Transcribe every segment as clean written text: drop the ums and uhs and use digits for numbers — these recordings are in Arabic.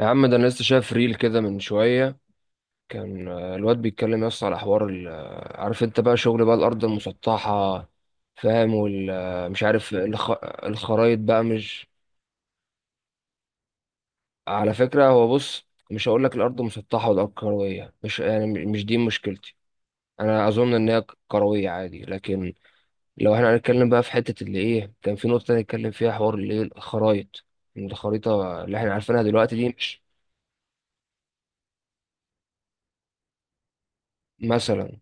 يا عم، ده انا لسه شايف ريل كده من شويه. كان الواد بيتكلم يس على حوار عارف انت بقى، شغل بقى الارض المسطحه، فاهم؟ وال مش عارف الخرايط بقى مش. على فكره، هو بص، مش هقول لك الارض مسطحه والارض كرويه، مش يعني مش دي مشكلتي. انا اظن ان هي كرويه عادي، لكن لو احنا هنتكلم بقى في حته اللي ايه، كان في نقطه نتكلم فيها حوار اللي ايه الخرايط. إن الخريطه اللي احنا عارفينها دلوقتي دي مش، مثلا.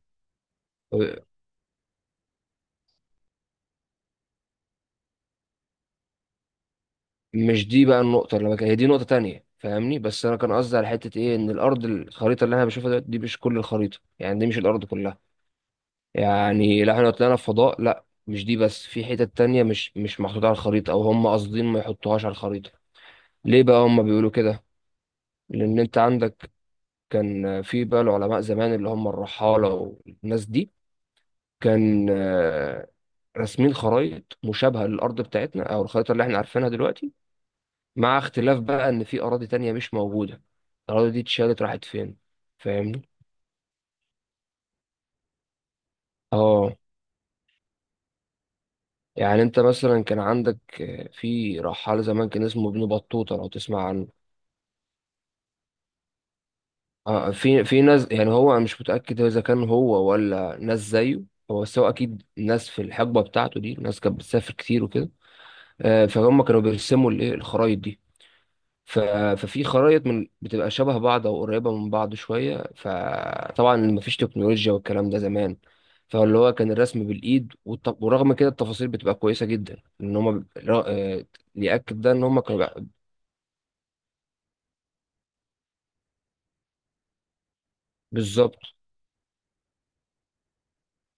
مش دي بقى النقطة اللي هي دي نقطة تانية، فاهمني؟ بس أنا كان قصدي على حتة إيه، إن الأرض، الخريطة اللي أنا بشوفها دلوقتي دي مش كل الخريطة، يعني دي مش الأرض كلها. يعني لو إحنا لو طلعنا في فضاء، لأ مش دي بس، في حتت تانية مش محطوطة على الخريطة، أو هم قاصدين ما يحطوهاش على الخريطة. ليه بقى هم بيقولوا كده؟ لأن أنت عندك، كان في بقى العلماء زمان اللي هم الرحالة والناس دي، كان راسمين خرايط مشابهة للأرض بتاعتنا، أو الخريطة اللي إحنا عارفينها دلوقتي، مع اختلاف بقى ان في اراضي تانية مش موجودة. الاراضي دي اتشالت راحت فين؟ فاهمني. اه. يعني انت مثلا كان عندك في رحال زمان كان اسمه ابن بطوطة، لو تسمع عنه. اه. في ناس، يعني هو، انا مش متأكد اذا كان هو ولا ناس زيه. هو، بس هو اكيد ناس في الحقبة بتاعته دي ناس كانت بتسافر كتير وكده. فهم كانوا بيرسموا الايه الخرايط دي. ف... ففي خرايط من بتبقى شبه بعض او قريبه من بعض شويه، فطبعا مفيش تكنولوجيا والكلام ده زمان. فاللي هو كان الرسم بالايد ورغم كده التفاصيل بتبقى كويسه جدا، ان هم ب... را- آه، ياكد ده ان هم كانوا بالظبط.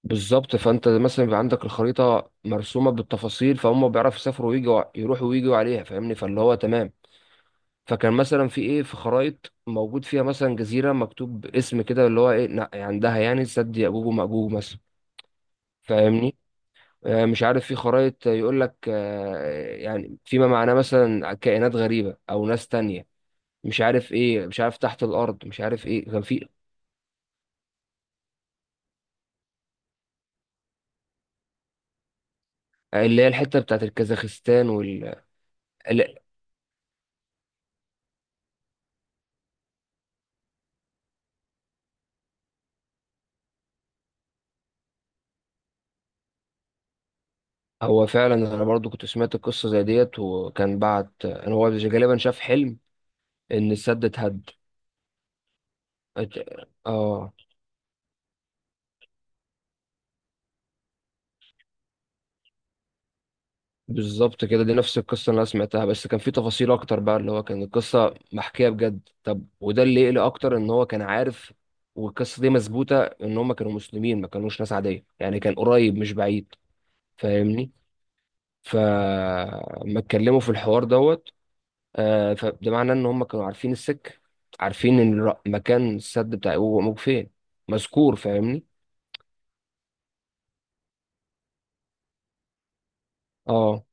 بالظبط. فانت مثلا بيبقى عندك الخريطه مرسومه بالتفاصيل، فهم بيعرفوا يسافروا ويجوا يروحوا ويجوا عليها، فاهمني، فاللي هو تمام. فكان مثلا في ايه، في خرايط موجود فيها مثلا جزيره مكتوب اسم كده، اللي هو ايه عندها، يعني سد يأجوج ومأجوج مثلا، فاهمني. مش عارف، في خرائط يقول لك يعني فيما معناه مثلا كائنات غريبة أو ناس تانية، مش عارف إيه، مش عارف تحت الأرض، مش عارف إيه كان في. اللي هي الحتة بتاعت الكازاخستان وال، لا، هو فعلا أنا برضو كنت سمعت القصة زي ديت، وكان بعت أنا هو غالبا شاف حلم إن السد اتهد. ات- آه بالظبط كده، دي نفس القصة اللي أنا سمعتها، بس كان في تفاصيل أكتر بقى، اللي هو كان القصة محكية بجد. طب، وده اللي يقلق أكتر إن هو كان عارف. والقصة دي مثبوتة إن هما كانوا مسلمين، ما كانوش ناس عادية، يعني كان قريب مش بعيد، فاهمني. فما اتكلموا في الحوار دوت. فده معناه إن هما كانوا عارفين السك، عارفين إن مكان السد بتاع هو موجود فين، مذكور، فاهمني. اه.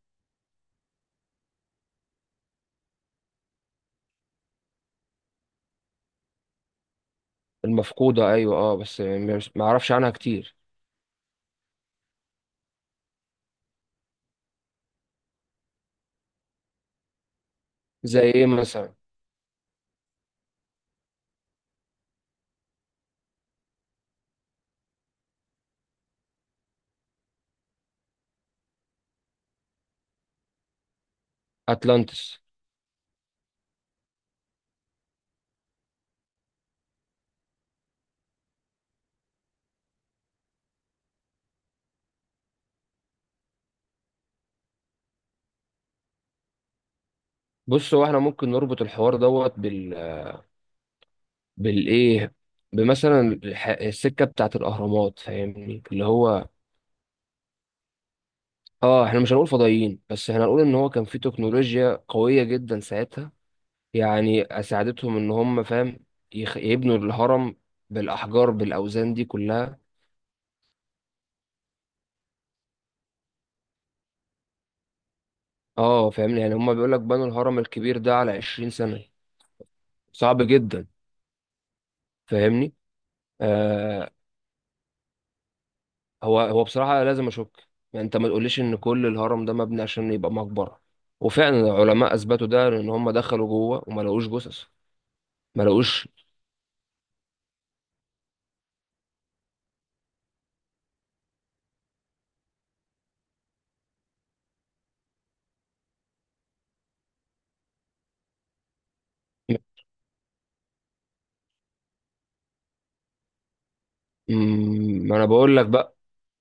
المفقودة، أيوه، اه، بس ما أعرفش عنها كتير. زي إيه مثلا؟ أتلانتس. بص، هو احنا ممكن نربط الحوار دوت بال، بالايه بمثلا السكه بتاعت الاهرامات، فاهمني، اللي هو. اه، احنا مش هنقول فضائيين، بس احنا هنقول ان هو كان في تكنولوجيا قويه جدا ساعتها، يعني اساعدتهم ان هم، فاهم، يبنوا الهرم بالاحجار بالاوزان دي كلها. اه، فاهمني، يعني هم بيقول لك بنوا الهرم الكبير ده على 20 سنه. صعب جدا، فاهمني. آه، هو بصراحة لازم أشك، يعني أنت ما تقوليش إن كل الهرم ده مبني عشان يبقى مقبرة، وفعلا العلماء أثبتوا ده، لأن هم دخلوا جوه وما لقوش جثث. ما لقوش. ما أنا بقول لك بقى،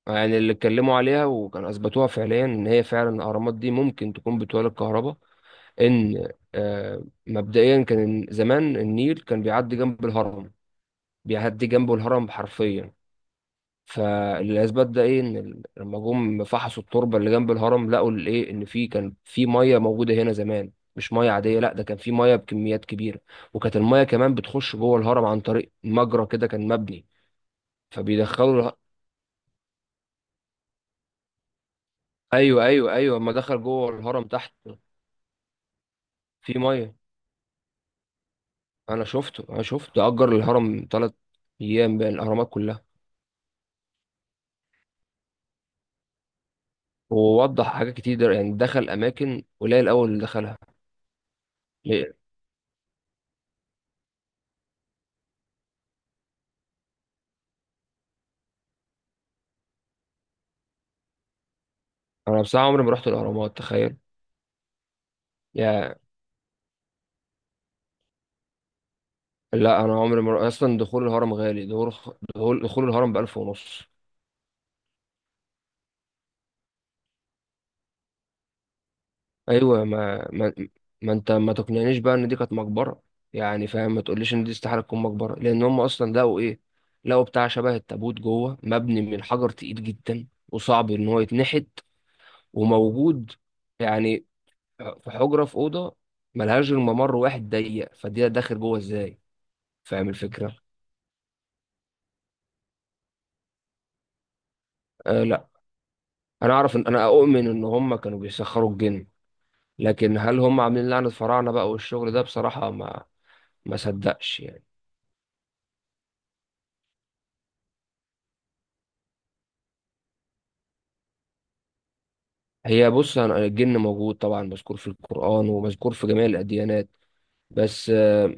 يعني اللي اتكلموا عليها وكانوا أثبتوها فعليا إن هي فعلا الأهرامات دي ممكن تكون بتولد كهرباء. إن مبدئيا كان زمان النيل كان بيعدي جنب الهرم، بيعدي جنبه الهرم حرفيا. فالاسباب ده ايه، ان لما جم فحصوا التربه اللي جنب الهرم، لقوا الايه، ان في كان في ميه موجوده هنا زمان، مش ميه عاديه، لا ده كان في ميه بكميات كبيره. وكانت الميه كمان بتخش جوه الهرم عن طريق مجرى كده كان مبني، فبيدخلوا ايوه، ايوه، ايوه، اما دخل جوه الهرم تحت، في ميه. انا شفته اجر الهرم 3 ايام بين الاهرامات كلها. ووضح حاجات كتير، يعني دخل اماكن قليل الاول اللي دخلها. ليه؟ انا بصراحه عمري ما رحت الاهرامات، تخيل. لا، انا عمري ما، اصلا دخول الهرم غالي. دخول الهرم ب1500. ايوه. ما انت ما تقنعنيش بقى ان دي كانت مقبره، يعني فاهم، ما تقوليش ان دي استحاله تكون مقبره، لان هم اصلا لقوا ايه، لقوا بتاع شبه التابوت جوه مبني من حجر تقيل جدا وصعب ان هو يتنحت، وموجود يعني في حجره، في اوضه ملهاش غير ممر واحد ضيق، فدي داخل جوه ازاي؟ فاهم الفكره؟ لا، انا اعرف ان انا اؤمن ان هم كانوا بيسخروا الجن، لكن هل هم عاملين لعنة فراعنة بقى والشغل ده، بصراحة، ما صدقش يعني. هي بص، الجن موجود طبعا، مذكور في القرآن ومذكور في جميع الأديانات، بس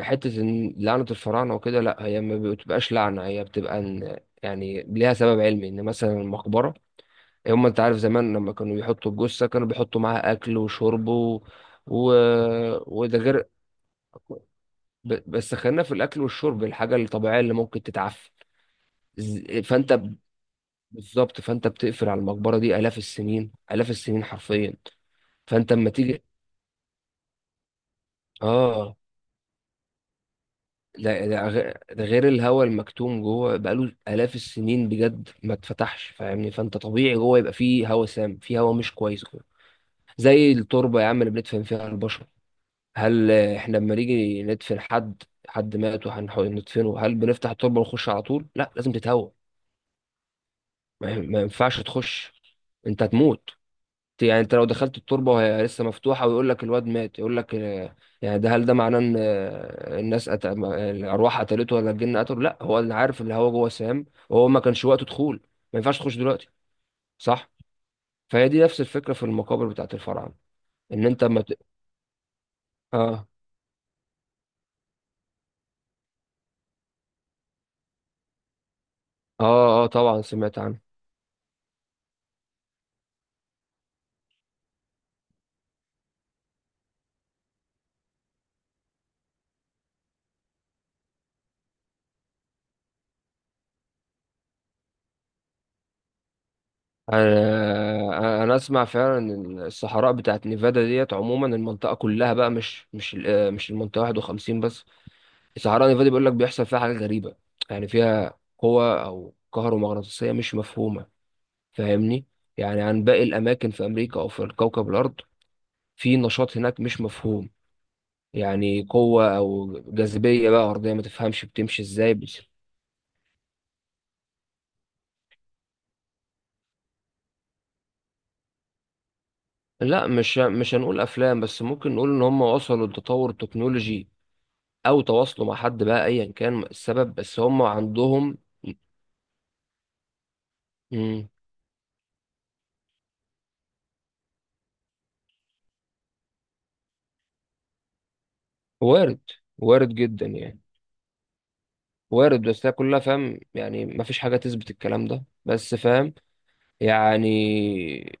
حتة إن لعنة الفراعنة وكده لا، هي ما بتبقاش لعنة، هي بتبقى إن يعني ليها سبب علمي، إن مثلا المقبرة، إيه، هم أنت عارف، زمان لما كانوا بيحطوا الجثة كانوا بيحطوا معاها أكل وشرب و... وده غير. بس خلينا في الاكل والشرب الحاجه الطبيعيه اللي ممكن تتعفن. فانت، بالظبط، فانت بتقفل على المقبره دي الاف السنين، الاف السنين حرفيا، فانت اما تيجي. اه، ده غير الهواء المكتوم جوه بقاله الاف السنين بجد ما اتفتحش، فاهمني، فانت طبيعي جوه يبقى فيه هواء سام، فيه هواء مش كويس جوه، زي التربه يا عم اللي بندفن فيها البشر. هل احنا لما نيجي ندفن حد مات وهنحاول ندفنه، هل بنفتح التربه ونخش على طول؟ لا، لازم تتهوى. ما ينفعش تخش، انت هتموت. يعني انت لو دخلت التربه وهي لسه مفتوحه ويقول لك الواد مات، يقول لك يعني ده، هل ده معناه ان الناس أت... ما- الارواح قتلته ولا الجن قتله؟ لا، هو اللي عارف، اللي هو جوه سام وهو ما كانش وقته دخول، ما ينفعش تخش دلوقتي. صح. فهي دي نفس الفكره في المقابر بتاعت الفراعنه، ان انت ما ت... اه، اه، اه، طبعا سمعت عنه. انا اسمع فعلا ان الصحراء بتاعت نيفادا ديت، عموما المنطقه كلها بقى، مش مش المنطقه 51 بس. الصحراء النفاذي بيقول لك بيحصل فيها حاجات غريبة، يعني فيها قوة أو كهرومغناطيسية مش مفهومة، فاهمني، يعني عن باقي الأماكن في أمريكا أو في الكوكب الأرض، في نشاط هناك مش مفهوم، يعني قوة أو جاذبية بقى أرضية ما تفهمش بتمشي إزاي، بس. لا، مش هنقول أفلام، بس ممكن نقول إن هم وصلوا لتطور التكنولوجي أو تواصلوا مع حد بقى، أيا كان السبب، بس هم عندهم. مم، وارد، وارد جدا يعني، وارد بس هي كلها، فاهم يعني، مفيش حاجة تثبت الكلام ده، بس فاهم يعني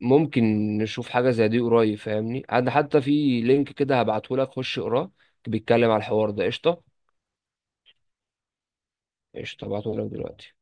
ممكن نشوف حاجة زي دي قريب، فاهمني، عاد حتى في لينك كده هبعته لك، خش اقراه، بيتكلم على الحوار ده. قشطة. قشطة، هبعته لك دلوقتي.